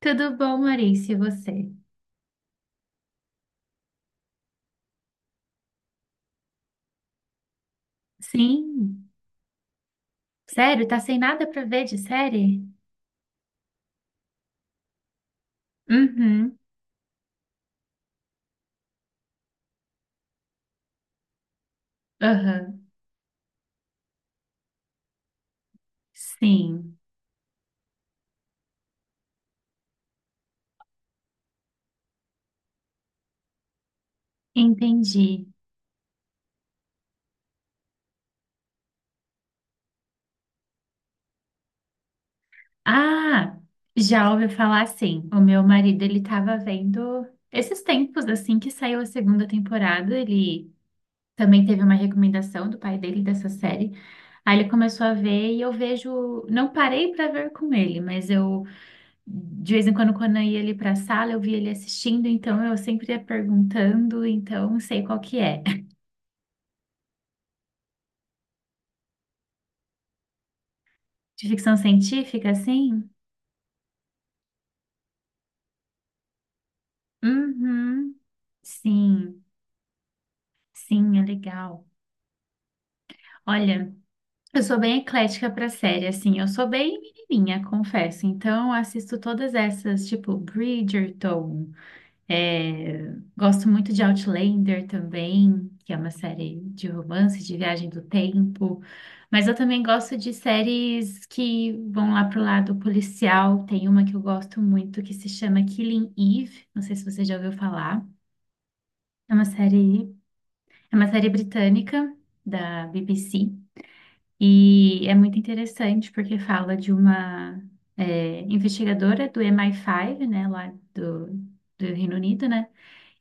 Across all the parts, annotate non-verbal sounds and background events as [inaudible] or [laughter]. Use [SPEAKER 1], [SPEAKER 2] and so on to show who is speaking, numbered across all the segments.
[SPEAKER 1] Tudo bom, Maurício, e você? Sim. Sério, tá sem nada pra ver de série? Uhum. Aham. Sim. Entendi. Ah, já ouvi falar assim. O meu marido, ele tava vendo esses tempos assim que saiu a segunda temporada, ele também teve uma recomendação do pai dele dessa série. Aí ele começou a ver e eu vejo, não parei pra ver com ele, mas eu de vez em quando, quando eu ia ali para a sala, eu via ele assistindo, então eu sempre ia perguntando, então sei qual que é. [laughs] De ficção científica, assim? Uhum, sim, sim, é legal. Olha, eu sou bem eclética para série, assim, eu sou bem menininha, confesso. Então, eu assisto todas essas, tipo, Bridgerton. É, gosto muito de Outlander também, que é uma série de romance, de viagem do tempo. Mas eu também gosto de séries que vão lá pro lado policial. Tem uma que eu gosto muito que se chama Killing Eve. Não sei se você já ouviu falar. É uma série, é uma série britânica da BBC e é muito interessante porque fala de uma investigadora do MI5, né, lá do, Reino Unido, né?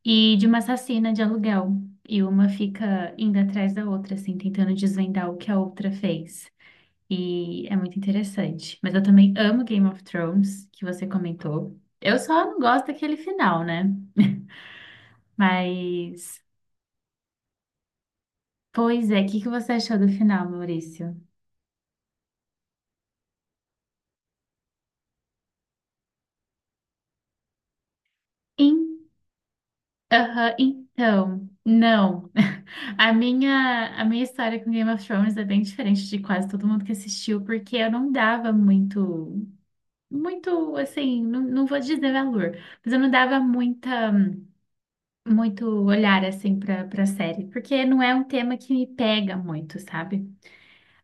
[SPEAKER 1] E de uma assassina de aluguel. E uma fica indo atrás da outra, assim, tentando desvendar o que a outra fez. E é muito interessante. Mas eu também amo Game of Thrones, que você comentou. Eu só não gosto daquele final, né? [laughs] Mas, pois é, o que que você achou do final, Maurício? In... Aham, então, não. [laughs] A minha história com Game of Thrones é bem diferente de quase todo mundo que assistiu, porque eu não dava muito assim, não, não vou dizer valor, mas eu não dava muito olhar assim para série, porque não é um tema que me pega muito, sabe?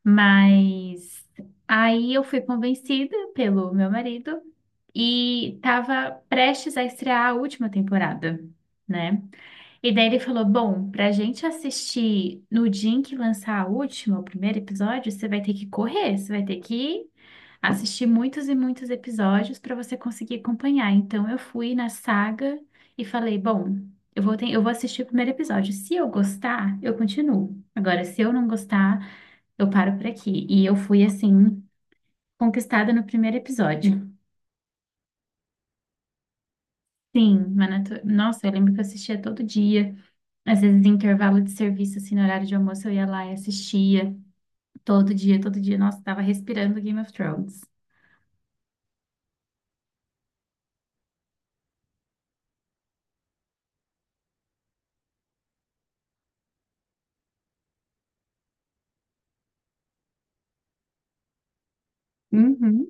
[SPEAKER 1] Mas aí eu fui convencida pelo meu marido e estava prestes a estrear a última temporada, né? E daí ele falou: Bom, pra gente assistir no dia em que lançar a última, o primeiro episódio, você vai ter que correr, você vai ter que assistir muitos e muitos episódios para você conseguir acompanhar. Então eu fui na saga e falei: Bom, eu vou assistir o primeiro episódio. Se eu gostar, eu continuo. Agora, se eu não gostar, eu paro por aqui. E eu fui assim, conquistada no primeiro episódio. Sim, Nossa, eu lembro que eu assistia todo dia. Às vezes, em intervalo de serviço, assim, no horário de almoço, eu ia lá e assistia. Todo dia, todo dia. Nossa, tava respirando Game of Thrones. Uhum.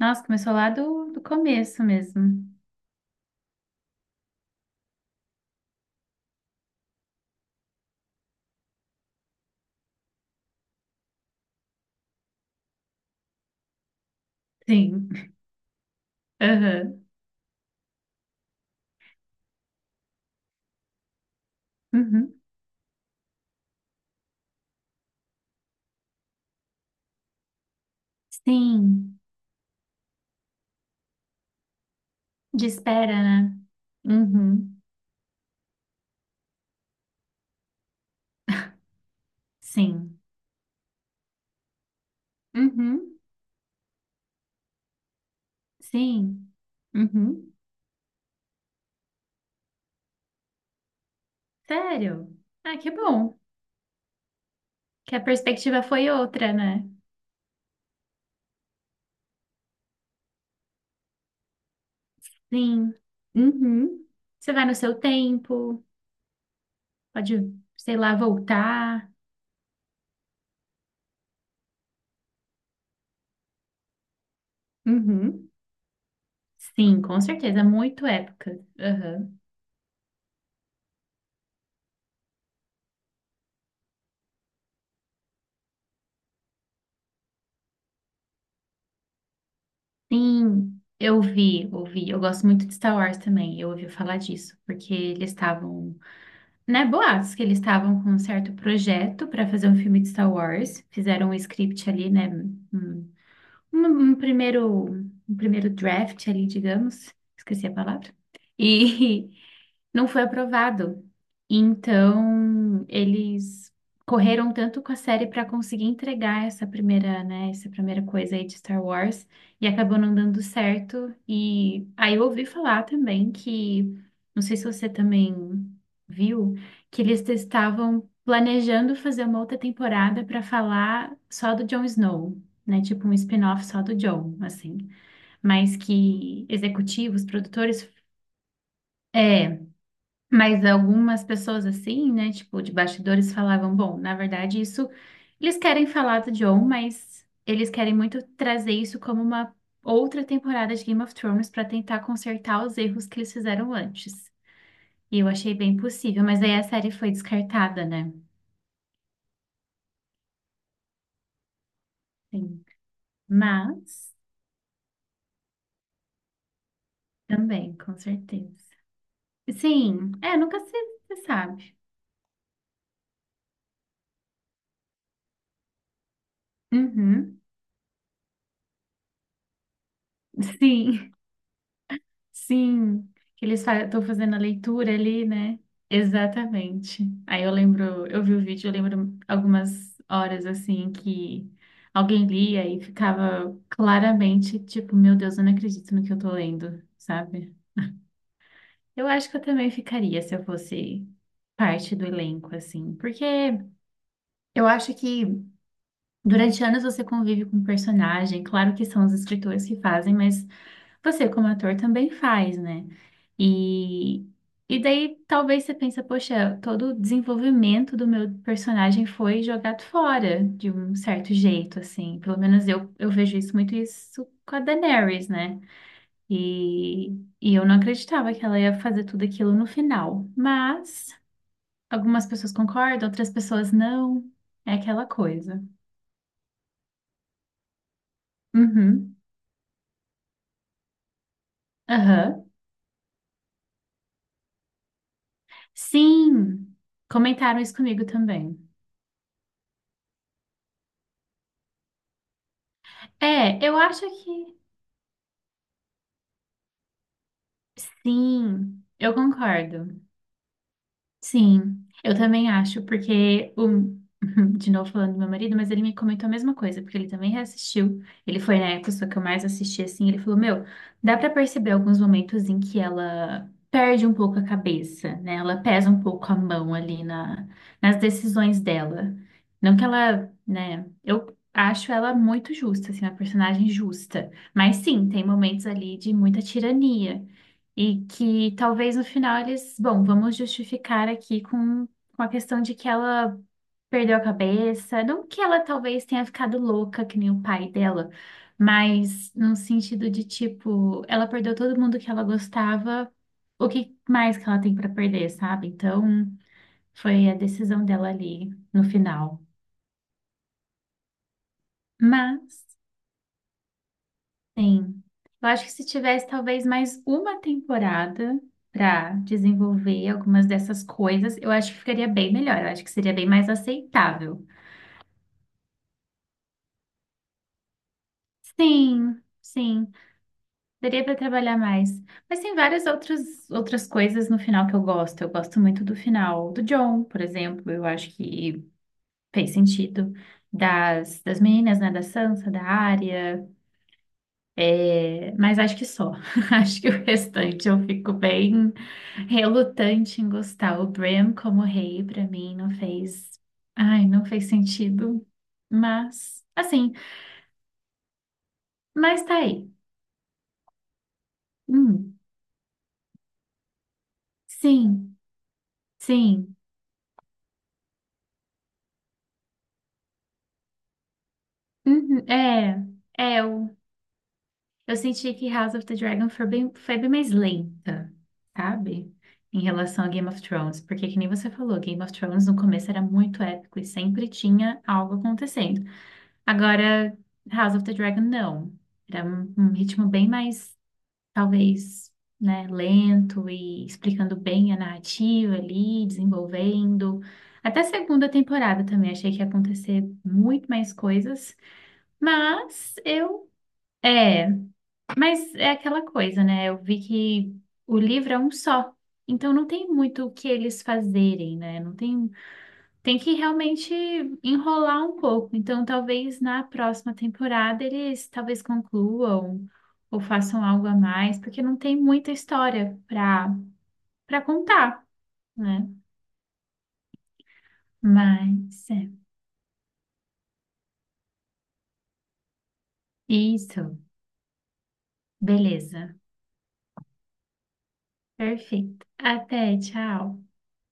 [SPEAKER 1] Nossa, começou lá do começo mesmo. Sim. Aham. Uhum. Sim. De espera, né? Uhum. Sim. Uhum. Sim. Uhum. Sério? Ah, que bom. Que a perspectiva foi outra, né? Sim. Uhum. Você vai no seu tempo, pode, sei lá, voltar. Uhum. Sim, com certeza, muito época. Aham. Sim, eu vi, ouvi. Eu gosto muito de Star Wars também. Eu ouvi falar disso, porque eles estavam, né, boatos que eles estavam com um certo projeto para fazer um filme de Star Wars. Fizeram um script ali, né, um, um- um primeiro, um primeiro draft ali, digamos. Esqueci a palavra. E [laughs] não foi aprovado. Então, eles correram tanto com a série para conseguir entregar essa primeira, né, essa primeira coisa aí de Star Wars e acabou não dando certo. E aí eu ouvi falar também que, não sei se você também viu, que eles estavam planejando fazer uma outra temporada para falar só do Jon Snow. Né, tipo um spin-off só do Jon, assim, mas que executivos, produtores, é, mas algumas pessoas assim, né, tipo, de bastidores falavam, bom, na verdade isso, eles querem falar do Jon, mas eles querem muito trazer isso como uma outra temporada de Game of Thrones para tentar consertar os erros que eles fizeram antes. E eu achei bem possível, mas aí a série foi descartada, né? Sim. Mas também, com certeza. Sim, é, nunca se sabe. Uhum. Sim. Sim, que eles estão fazendo a leitura ali, né? Exatamente. Aí eu lembro, eu vi o vídeo, eu lembro algumas horas assim que alguém lia e ficava claramente tipo, meu Deus, eu não acredito no que eu tô lendo, sabe? Eu acho que eu também ficaria se eu fosse parte do elenco, assim, porque eu acho que durante anos você convive com um personagem, claro que são os escritores que fazem, mas você como ator também faz, né? E, e daí talvez você pensa, poxa, todo o desenvolvimento do meu personagem foi jogado fora de um certo jeito, assim. Pelo menos eu vejo isso muito isso com a Daenerys, né? E, e eu não acreditava que ela ia fazer tudo aquilo no final. Mas algumas pessoas concordam, outras pessoas não. É aquela coisa. Uhum. Aham. Sim, comentaram isso comigo também. É, eu acho que. Sim, eu concordo. Sim, eu também acho, porque o. [laughs] De novo falando do meu marido, mas ele me comentou a mesma coisa, porque ele também reassistiu. Ele foi na época só que eu mais assisti assim. Ele falou: Meu, dá pra perceber alguns momentos em que ela perde um pouco a cabeça, né? Ela pesa um pouco a mão ali nas decisões dela. Não que ela, né? Eu acho ela muito justa, assim, uma personagem justa. Mas sim, tem momentos ali de muita tirania. E que talvez no final eles, bom, vamos justificar aqui com, a questão de que ela perdeu a cabeça, não que ela talvez tenha ficado louca, que nem o pai dela, mas no sentido de tipo, ela perdeu todo mundo que ela gostava, o que mais que ela tem para perder, sabe? Então, foi a decisão dela ali no final. Mas. Sim. Eu acho que se tivesse talvez mais uma temporada para desenvolver algumas dessas coisas, eu acho que ficaria bem melhor. Eu acho que seria bem mais aceitável. Sim, sim. Daria para trabalhar mais. Mas tem várias outras coisas no final que eu gosto. Eu gosto muito do final do John, por exemplo. Eu acho que fez sentido. Das meninas, né? Da Sansa, da Arya. É, mas acho que só. [laughs] Acho que o restante eu fico bem relutante em gostar. O Bram como rei, pra mim, não fez. Ai, não fez sentido. Mas, assim, mas tá aí. Hum, sim, sim. Uhum, é, eu, eu senti que House of the Dragon foi bem mais lenta, sabe? Em relação a Game of Thrones, porque que nem você falou, Game of Thrones no começo era muito épico e sempre tinha algo acontecendo. Agora, House of the Dragon, não. Era um ritmo bem mais talvez, né, lento e explicando bem a narrativa ali, desenvolvendo. Até a segunda temporada também achei que ia acontecer muito mais coisas, mas eu é, mas é aquela coisa, né? Eu vi que o livro é um só. Então não tem muito o que eles fazerem, né? Não tem tem que realmente enrolar um pouco. Então, talvez na próxima temporada eles talvez concluam ou façam algo a mais, porque não tem muita história para contar, né? Mas é isso. Beleza. Perfeito. Até, tchau.